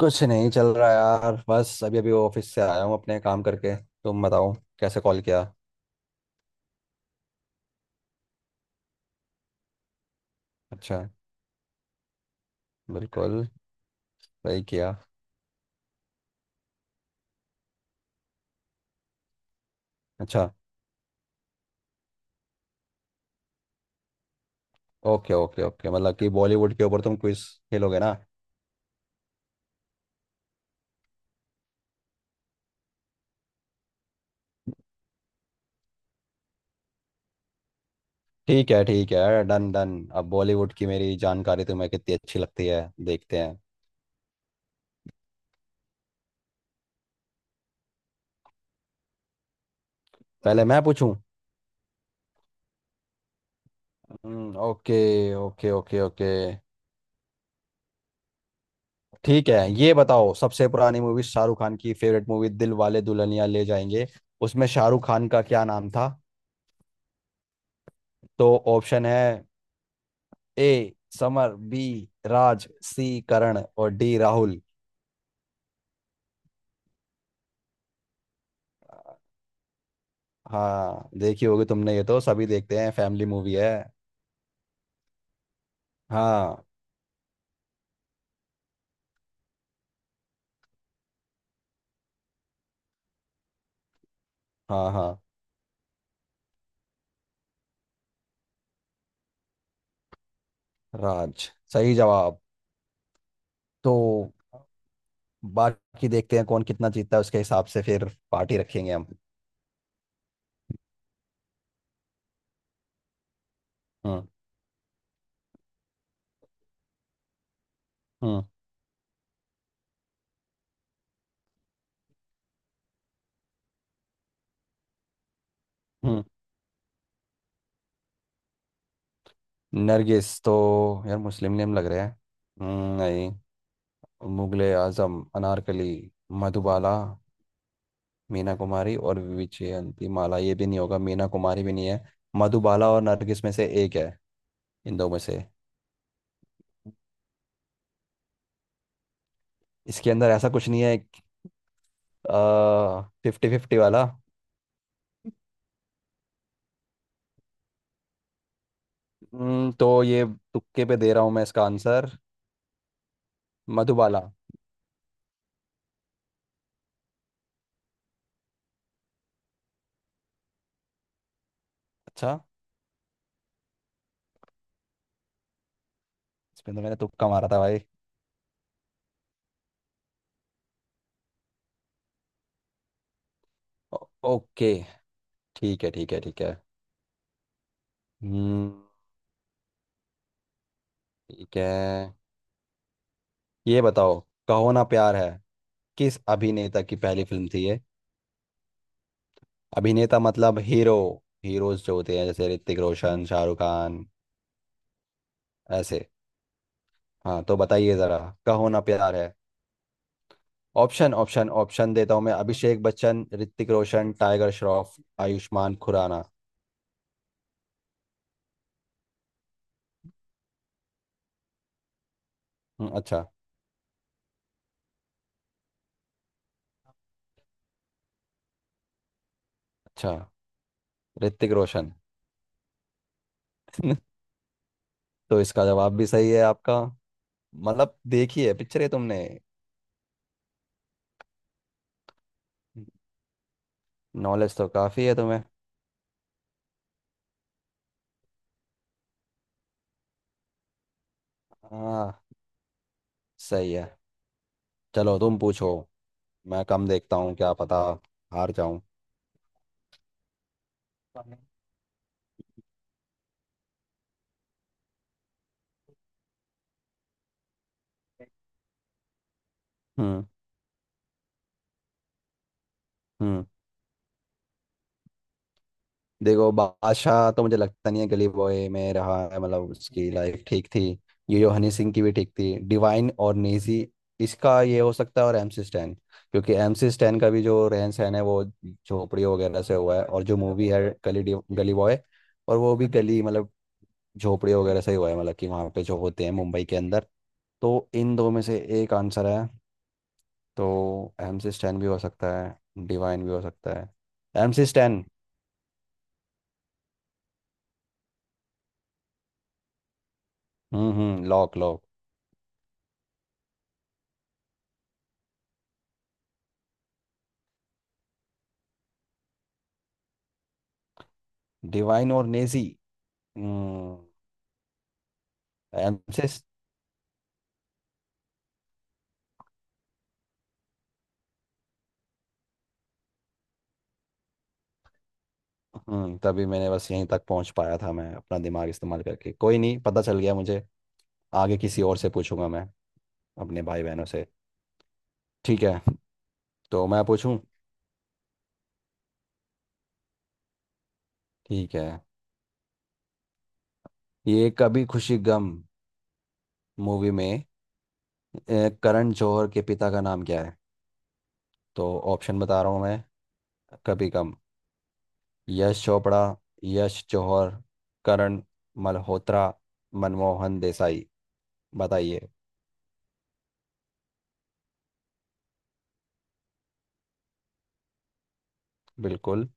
कुछ नहीं चल रहा यार। बस अभी अभी ऑफिस से आया हूँ अपने काम करके। तुम बताओ कैसे कॉल किया। अच्छा। बिल्कुल। सही किया। अच्छा। ओके, ओके, ओके, मतलब कि बॉलीवुड के ऊपर तुम क्विज खेलोगे ना। ठीक है, ठीक है, डन डन। अब बॉलीवुड की मेरी जानकारी तुम्हें कितनी अच्छी लगती है, देखते हैं। पहले मैं पूछूं। Okay, okay, okay, okay. ठीक है। ये बताओ, सबसे पुरानी मूवी शाहरुख खान की favourite movie Dilwale Dulhania ले जाएंगे, उसमें शाहरुख खान का क्या नाम था? तो ऑप्शन है। A Samar, B Raj, C Karan और डी राहुल। हाँ देखी होगी तुमने, ये तो सभी देखते हैं, फैमिली मूवी है। हाँ, हाँ, हाँ। राज सही जवाब। तो बाकी देखते हैं कौन कितना जीतता है, उसके हिसाब से फिर पार्टी रखेंगे हम। हम्म हम्म हम्म नरगिस तो, यार मुस्लिम नेम लग रहा है। नहीं। मुगले आजम अनारकली। मधुबाला, मीना कुमारी और विजयंती माला, ये भी नहीं होगा, मीना कुमारी भी नहीं है। मधुबाला और नरगिस में से एक है, इन दो में से। इसके अंदर ऐसा कुछ नहीं है, फिफ्टी फिफ्टी वाला। तो ये तुक्के पे दे रहा हूँ मैं इसका आंसर। मधुबाला। अच्छा, इसमें तो मैंने तुक्का मारा था भाई। ओ- ओके। ठीक है, ठीक है, ठीक है। हम्म ठीक है। ये बताओ, कहो ना प्यार है किस अभिनेता की पहली फिल्म थी ये? अभिनेता मतलब हीरो। हीरोज जो होते हैं जैसे ऋतिक रोशन, शाहरुख खान, ऐसे। हाँ, तो बताइए जरा। Kaho Naa Pyaar Hai. Option, option, option देता हूँ मैं। अभिषेक बच्चन, ऋतिक रोशन, टाइगर श्रॉफ, आयुष्मान खुराना। अच्छा। अच्छा। ऋतिक रोशन। तो इसका जवाब भी सही है आपका। मतलब देखी है, पिक्चर है तुमने। नॉलेज तो काफ़ी है तुम्हें। हाँ सही है, चलो तुम पूछो। मैं कम देखता हूँ, क्या पता हार जाऊं। हम्म हम्म देखो, बादशाह तो मुझे लगता नहीं है गली बॉय में रहा है, मतलब उसकी लाइफ ठीक थी। ये जो हनी सिंह की भी ठीक थी। डिवाइन और नेजी, इसका ये हो सकता है, और एमसी स्टैन। क्योंकि एमसी स्टैन का भी जो रहन सहन है वो झोपड़ी वगैरह से हुआ है, और जो मूवी है गली बॉय, और वो भी गली मतलब झोपड़ी वगैरह से ही हुआ है, मतलब कि वहाँ पे जो होते हैं मुंबई के अंदर। तो इन दो में से एक आंसर है। तो एमसी स्टैन भी हो सकता है, डिवाइन भी हो सकता है। MC Stan. हम्म, हम्म, लॉक। डिवाइन और नेजी। हम्म। एमसेस। तभी मैंने बस यहीं तक पहुंच पाया था, मैं अपना दिमाग इस्तेमाल करके कोई नहीं, पता चल गया मुझे। आगे किसी और से पूछूंगा मैं, अपने भाई बहनों से। ठीक है। तो मैं पूछूं? ठीक है। ये कभी खुशी गम मूवी में, करण जौहर के पिता का नाम क्या है? तो ऑप्शन बता रहा हूँ मैं। कभी गम। यश चोपड़ा, यश जौहर, करण मल्होत्रा, मनमोहन देसाई। बताइए। बिल्कुल।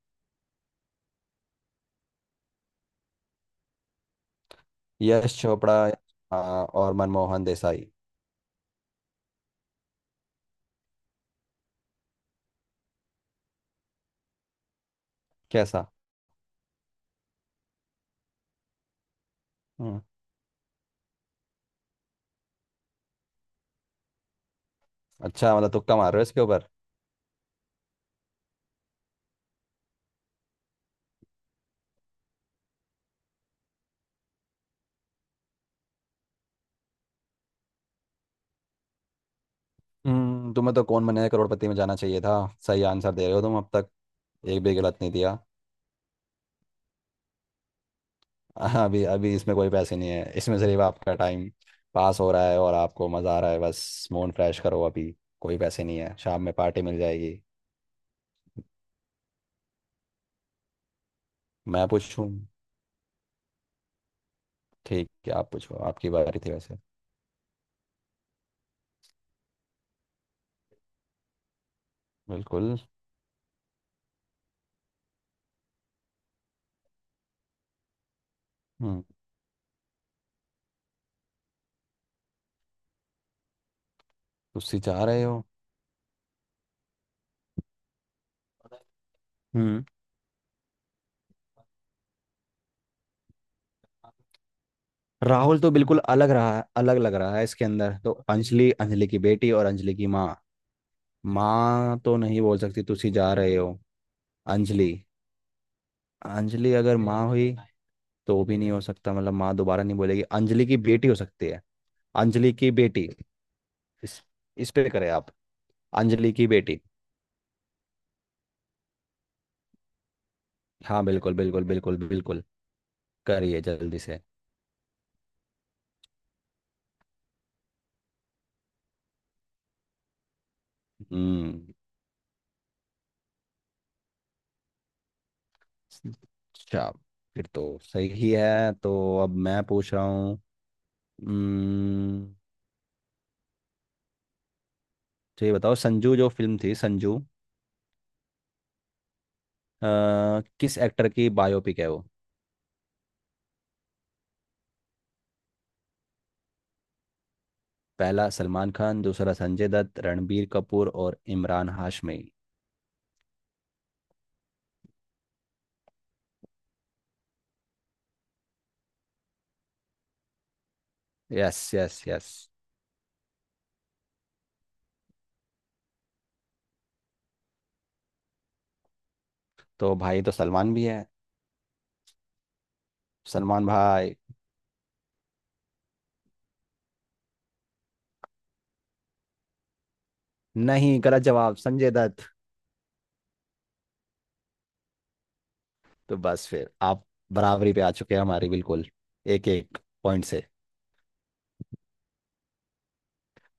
यश चोपड़ा, हाँ, और मनमोहन देसाई। कैसा? हम्म, अच्छा, मतलब तुक्का मार रहे हो इसके ऊपर। तुम्हें तो कौन बनेगा करोड़पति में जाना चाहिए था। सही आंसर दे रहे हो तुम अब तक, एक भी गलत नहीं दिया। हाँ, अभी अभी इसमें कोई पैसे नहीं है, इसमें सिर्फ आपका टाइम पास हो रहा है और आपको मज़ा आ रहा है। बस मूड फ्रेश करो अभी, कोई पैसे नहीं है। शाम में पार्टी मिल जाएगी। मैं पूछूं? ठीक है आप पूछो, आपकी बारी थी वैसे। बिल्कुल। हम्म तुस्सी चाह रहे हो। हम्म राहुल तो बिल्कुल अलग रहा है, अलग लग रहा है इसके अंदर। तो अंजलि, अंजलि की बेटी और अंजलि की माँ। माँ तो नहीं बोल सकती तुसी जा रहे हो। अंजलि। अंजलि अगर माँ हुई तो वो भी नहीं हो सकता, मतलब माँ दोबारा नहीं बोलेगी। अंजलि की बेटी हो सकती है। अंजलि की बेटी। इस इस पे करें आप? अंजलि की बेटी। हाँ, बिल्कुल, बिल्कुल, बिल्कुल, बिल्कुल। करिए जल्दी से। हम्म, अच्छा, फिर तो सही ही है। तो अब मैं पूछ रहा हूँ। हम्म, तो ये बताओ, संजू जो फिल्म थी, संजू किस एक्टर की बायोपिक है वो? पहला सलमान खान, दूसरा संजय दत्त, रणबीर कपूर और Imran Hashmi. Yes, yes, yes. तो भाई, तो सलमान भी है। सलमान भाई। नहीं, गलत जवाब। संजय दत्त। तो बस फिर आप बराबरी पे आ चुके हैं हमारी, बिल्कुल। एक एक पॉइंट से।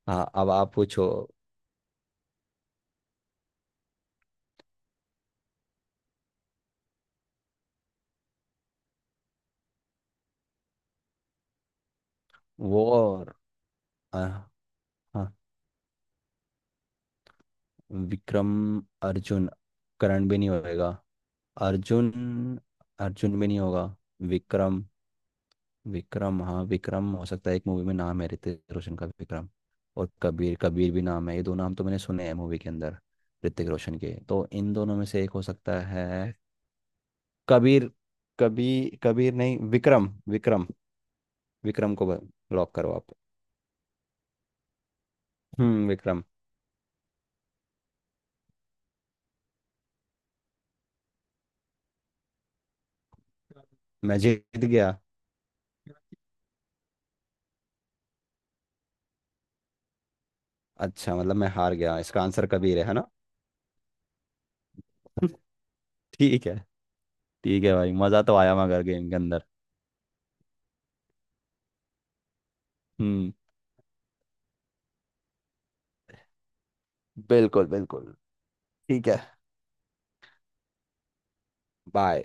हाँ, अब आप पूछो। वो और अ, हाँ, विक्रम, अर्जुन, करण भी नहीं होएगा। अर्जुन, अर्जुन में नहीं होगा। विक्रम, विक्रम, हाँ विक्रम हो सकता है। एक मूवी में नाम है ऋतिक रोशन का विक्रम। और कबीर, कबीर भी नाम है। ये दो नाम तो मैंने सुने हैं मूवी के अंदर ऋतिक रोशन के। तो इन दोनों में से एक हो सकता है। कबीर। कबीर, कबीर नहीं, विक्रम, विक्रम। विक्रम को लॉक करो आप। हम्म, विक्रम। मैं जीत गया? अच्छा, मतलब मैं हार गया, इसका आंसर कबीर है ना? ठीक है। ठीक है भाई, मज़ा तो आया मगर गेम के अंदर। हम्म, बिल्कुल, बिल्कुल। ठीक है। बाय।